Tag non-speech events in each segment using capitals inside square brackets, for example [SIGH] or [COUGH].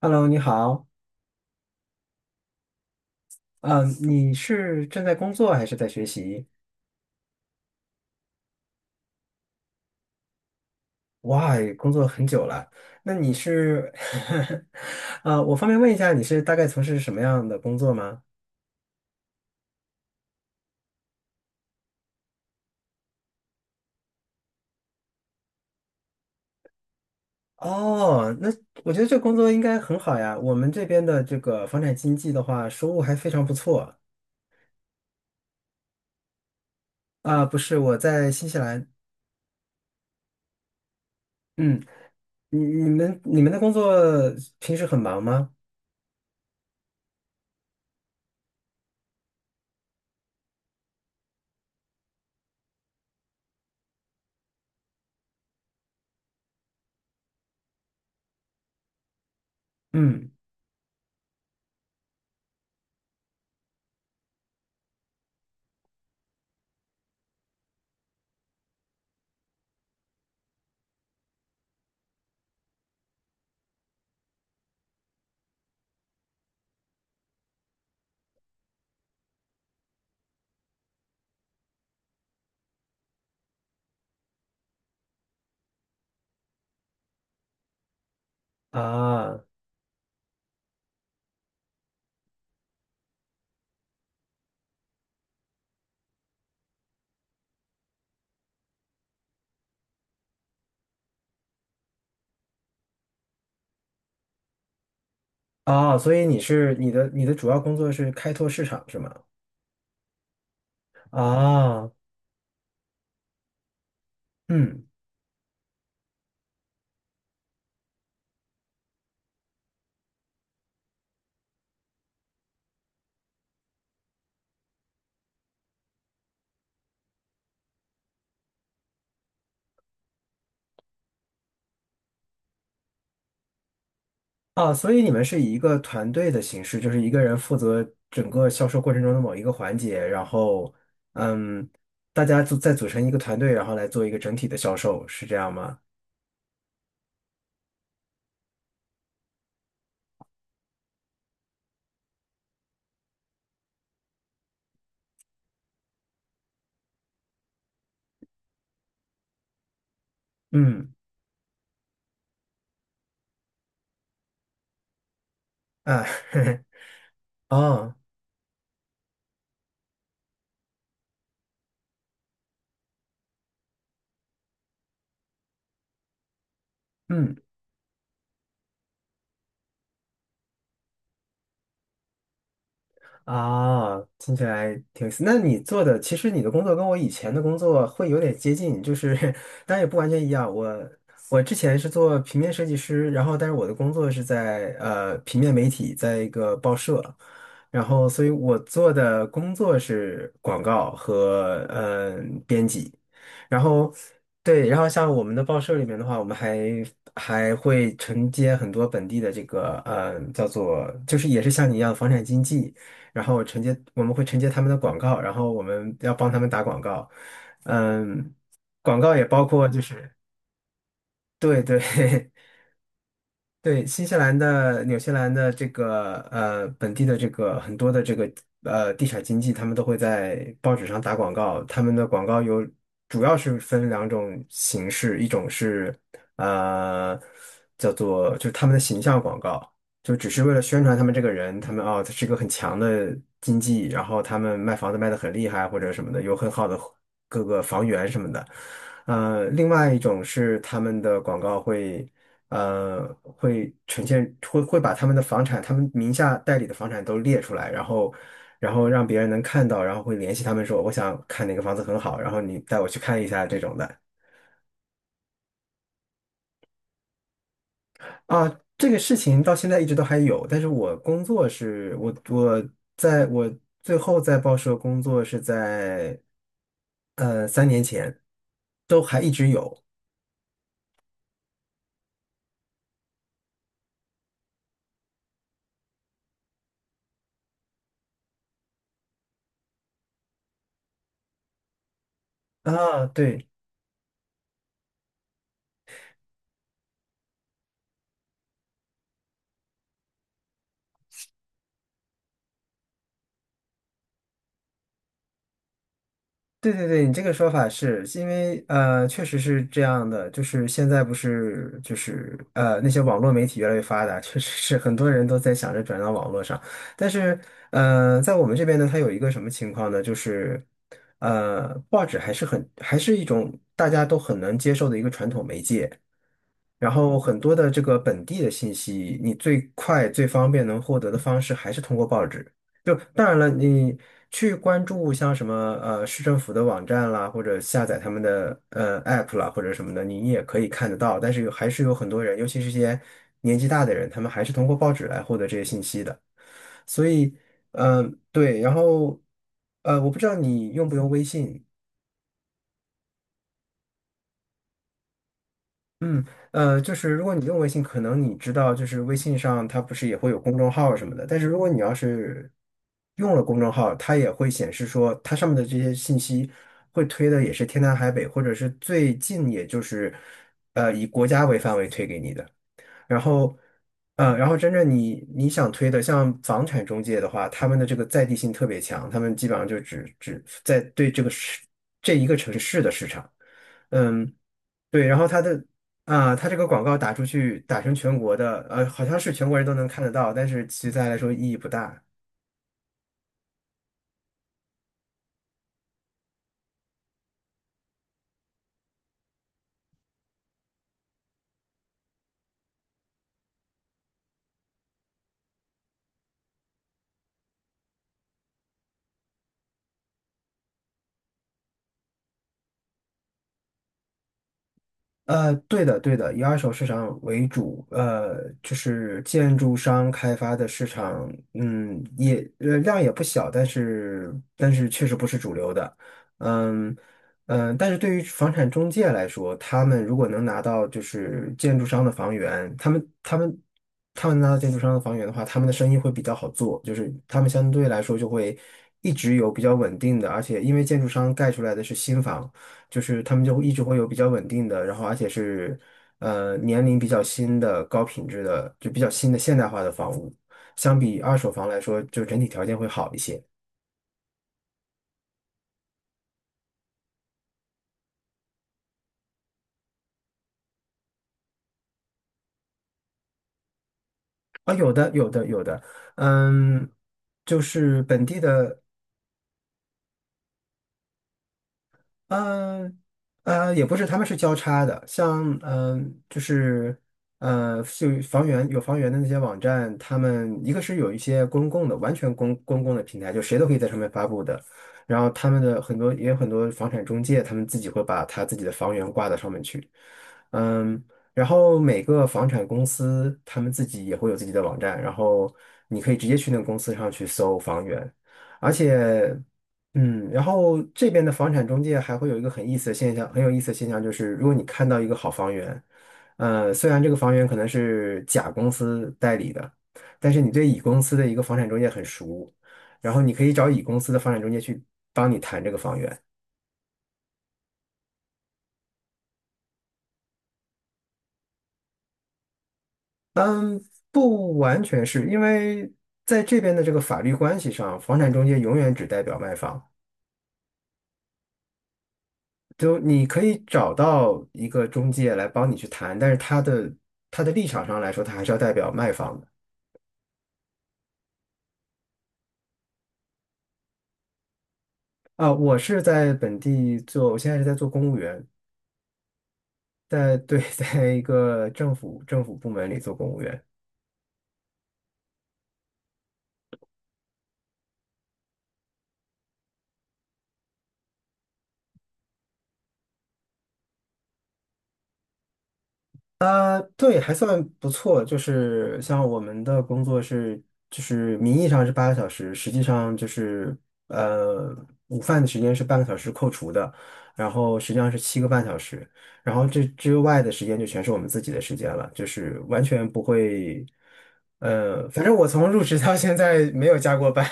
Hello，你好。嗯，你是正在工作还是在学习？哇，工作很久了。那你是，[LAUGHS] 我方便问一下，你是大概从事什么样的工作吗？哦，那我觉得这工作应该很好呀。我们这边的这个房产经纪的话，收入还非常不错啊。不是，我在新西兰。嗯，你们的工作平时很忙吗？嗯。啊。哦，所以你的主要工作是开拓市场是吗？啊。嗯。啊，所以你们是以一个团队的形式，就是一个人负责整个销售过程中的某一个环节，然后，嗯，大家再组成一个团队，然后来做一个整体的销售，是这样吗？嗯。啊。[LAUGHS] 哦。嗯。啊，听起来挺有意思。那你做的，其实你的工作跟我以前的工作会有点接近，就是 [LAUGHS] 当然也不完全一样。我之前是做平面设计师，然后但是我的工作是在平面媒体，在一个报社。然后所以我做的工作是广告和编辑。然后对。然后像我们的报社里面的话，我们还会承接很多本地的这个叫做就是也是像你一样的房产经纪。然后我们会承接他们的广告，然后我们要帮他们打广告。嗯，广告也包括就是对对。[LAUGHS] 对，新西兰的、纽西兰的这个本地的这个很多的这个地产经济，他们都会在报纸上打广告。他们的广告有主要是分两种形式。一种是呃叫做就是他们的形象广告，就只是为了宣传他们这个人。他们哦他是一个很强的经济，然后他们卖房子卖得很厉害或者什么的，有很好的各个房源什么的。另外一种是他们的广告会，会呈现，会把他们的房产，他们名下代理的房产都列出来。然后让别人能看到，然后会联系他们说，我想看哪个房子很好，然后你带我去看一下这种的。啊，这个事情到现在一直都还有，但是我工作是，我最后在报社工作是在，3年前，都还一直有。啊，对，对对对。你这个说法是因为确实是这样的。就是现在不是就是那些网络媒体越来越发达，确实是很多人都在想着转到网络上，但是在我们这边呢，它有一个什么情况呢？就是报纸还是一种大家都很难接受的一个传统媒介。然后很多的这个本地的信息，你最快最方便能获得的方式还是通过报纸。就当然了，你去关注像什么市政府的网站啦，或者下载他们的app 啦，或者什么的，你也可以看得到。但是还是有很多人，尤其是一些年纪大的人，他们还是通过报纸来获得这些信息的。所以，嗯、对。然后我不知道你用不用微信。嗯。就是如果你用微信，可能你知道，就是微信上它不是也会有公众号什么的，但是如果你要是用了公众号，它也会显示说它上面的这些信息会推的也是天南海北，或者是最近也就是以国家为范围推给你的。然后，然后真正你想推的，像房产中介的话，他们的这个在地性特别强，他们基本上就只在对这个市这一个城市的市场。嗯，对。然后他的啊、他这个广告打出去打成全国的，好像是全国人都能看得到，但是其实对他来说意义不大。对的，对的。以二手市场为主。就是建筑商开发的市场。嗯，也量也不小，但是确实不是主流的。嗯但是对于房产中介来说，他们如果能拿到就是建筑商的房源，他们拿到建筑商的房源的话，他们的生意会比较好做，就是他们相对来说就会一直有比较稳定的，而且因为建筑商盖出来的是新房。就是他们就一直会有比较稳定的，然后而且是年龄比较新的、高品质的，就比较新的现代化的房屋，相比二手房来说，就整体条件会好一些。啊，有的，有的，有的。嗯，就是本地的。嗯。也不是，他们是交叉的，像嗯、呃就是呃，就房源有房源的那些网站。他们一个是有一些公共的，完全公共的平台，就谁都可以在上面发布的。然后他们的很多也有很多房产中介，他们自己会把他自己的房源挂到上面去。嗯，然后每个房产公司他们自己也会有自己的网站，然后你可以直接去那个公司上去搜房源。而且然后这边的房产中介还会有一个很意思的现象，很有意思的现象就是，如果你看到一个好房源，虽然这个房源可能是甲公司代理的，但是你对乙公司的一个房产中介很熟，然后你可以找乙公司的房产中介去帮你谈这个房源。嗯。不完全是因为在这边的这个法律关系上，房产中介永远只代表卖方。就你可以找到一个中介来帮你去谈，但是他的立场上来说，他还是要代表卖方的。啊，我是在本地做，我现在是在做公务员。对，[LAUGHS] 在一个政府部门里做公务员。啊，对，还算不错。就是像我们的工作是，就是名义上是8个小时，实际上就是呃，午饭的时间是半个小时扣除的，然后实际上是7个半小时。然后这之外的时间就全是我们自己的时间了，就是完全不会。反正我从入职到现在没有加过班。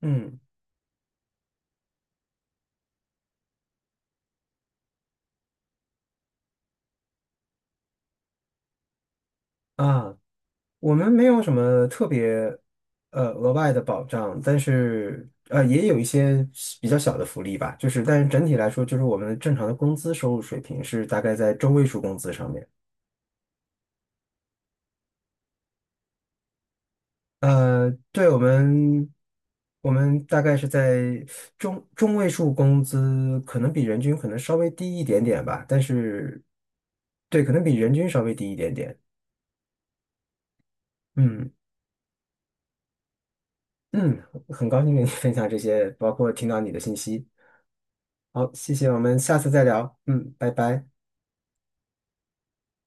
[LAUGHS] 嗯。啊，我们没有什么特别额外的保障，但是也有一些比较小的福利吧。就是但是整体来说，就是我们正常的工资收入水平是大概在中位数工资上面。对我们，我们大概是在中位数工资，可能比人均可能稍微低一点点吧，但是对，可能比人均稍微低一点点。嗯嗯，很高兴跟你分享这些，包括听到你的信息。好，谢谢，我们下次再聊。嗯，拜拜。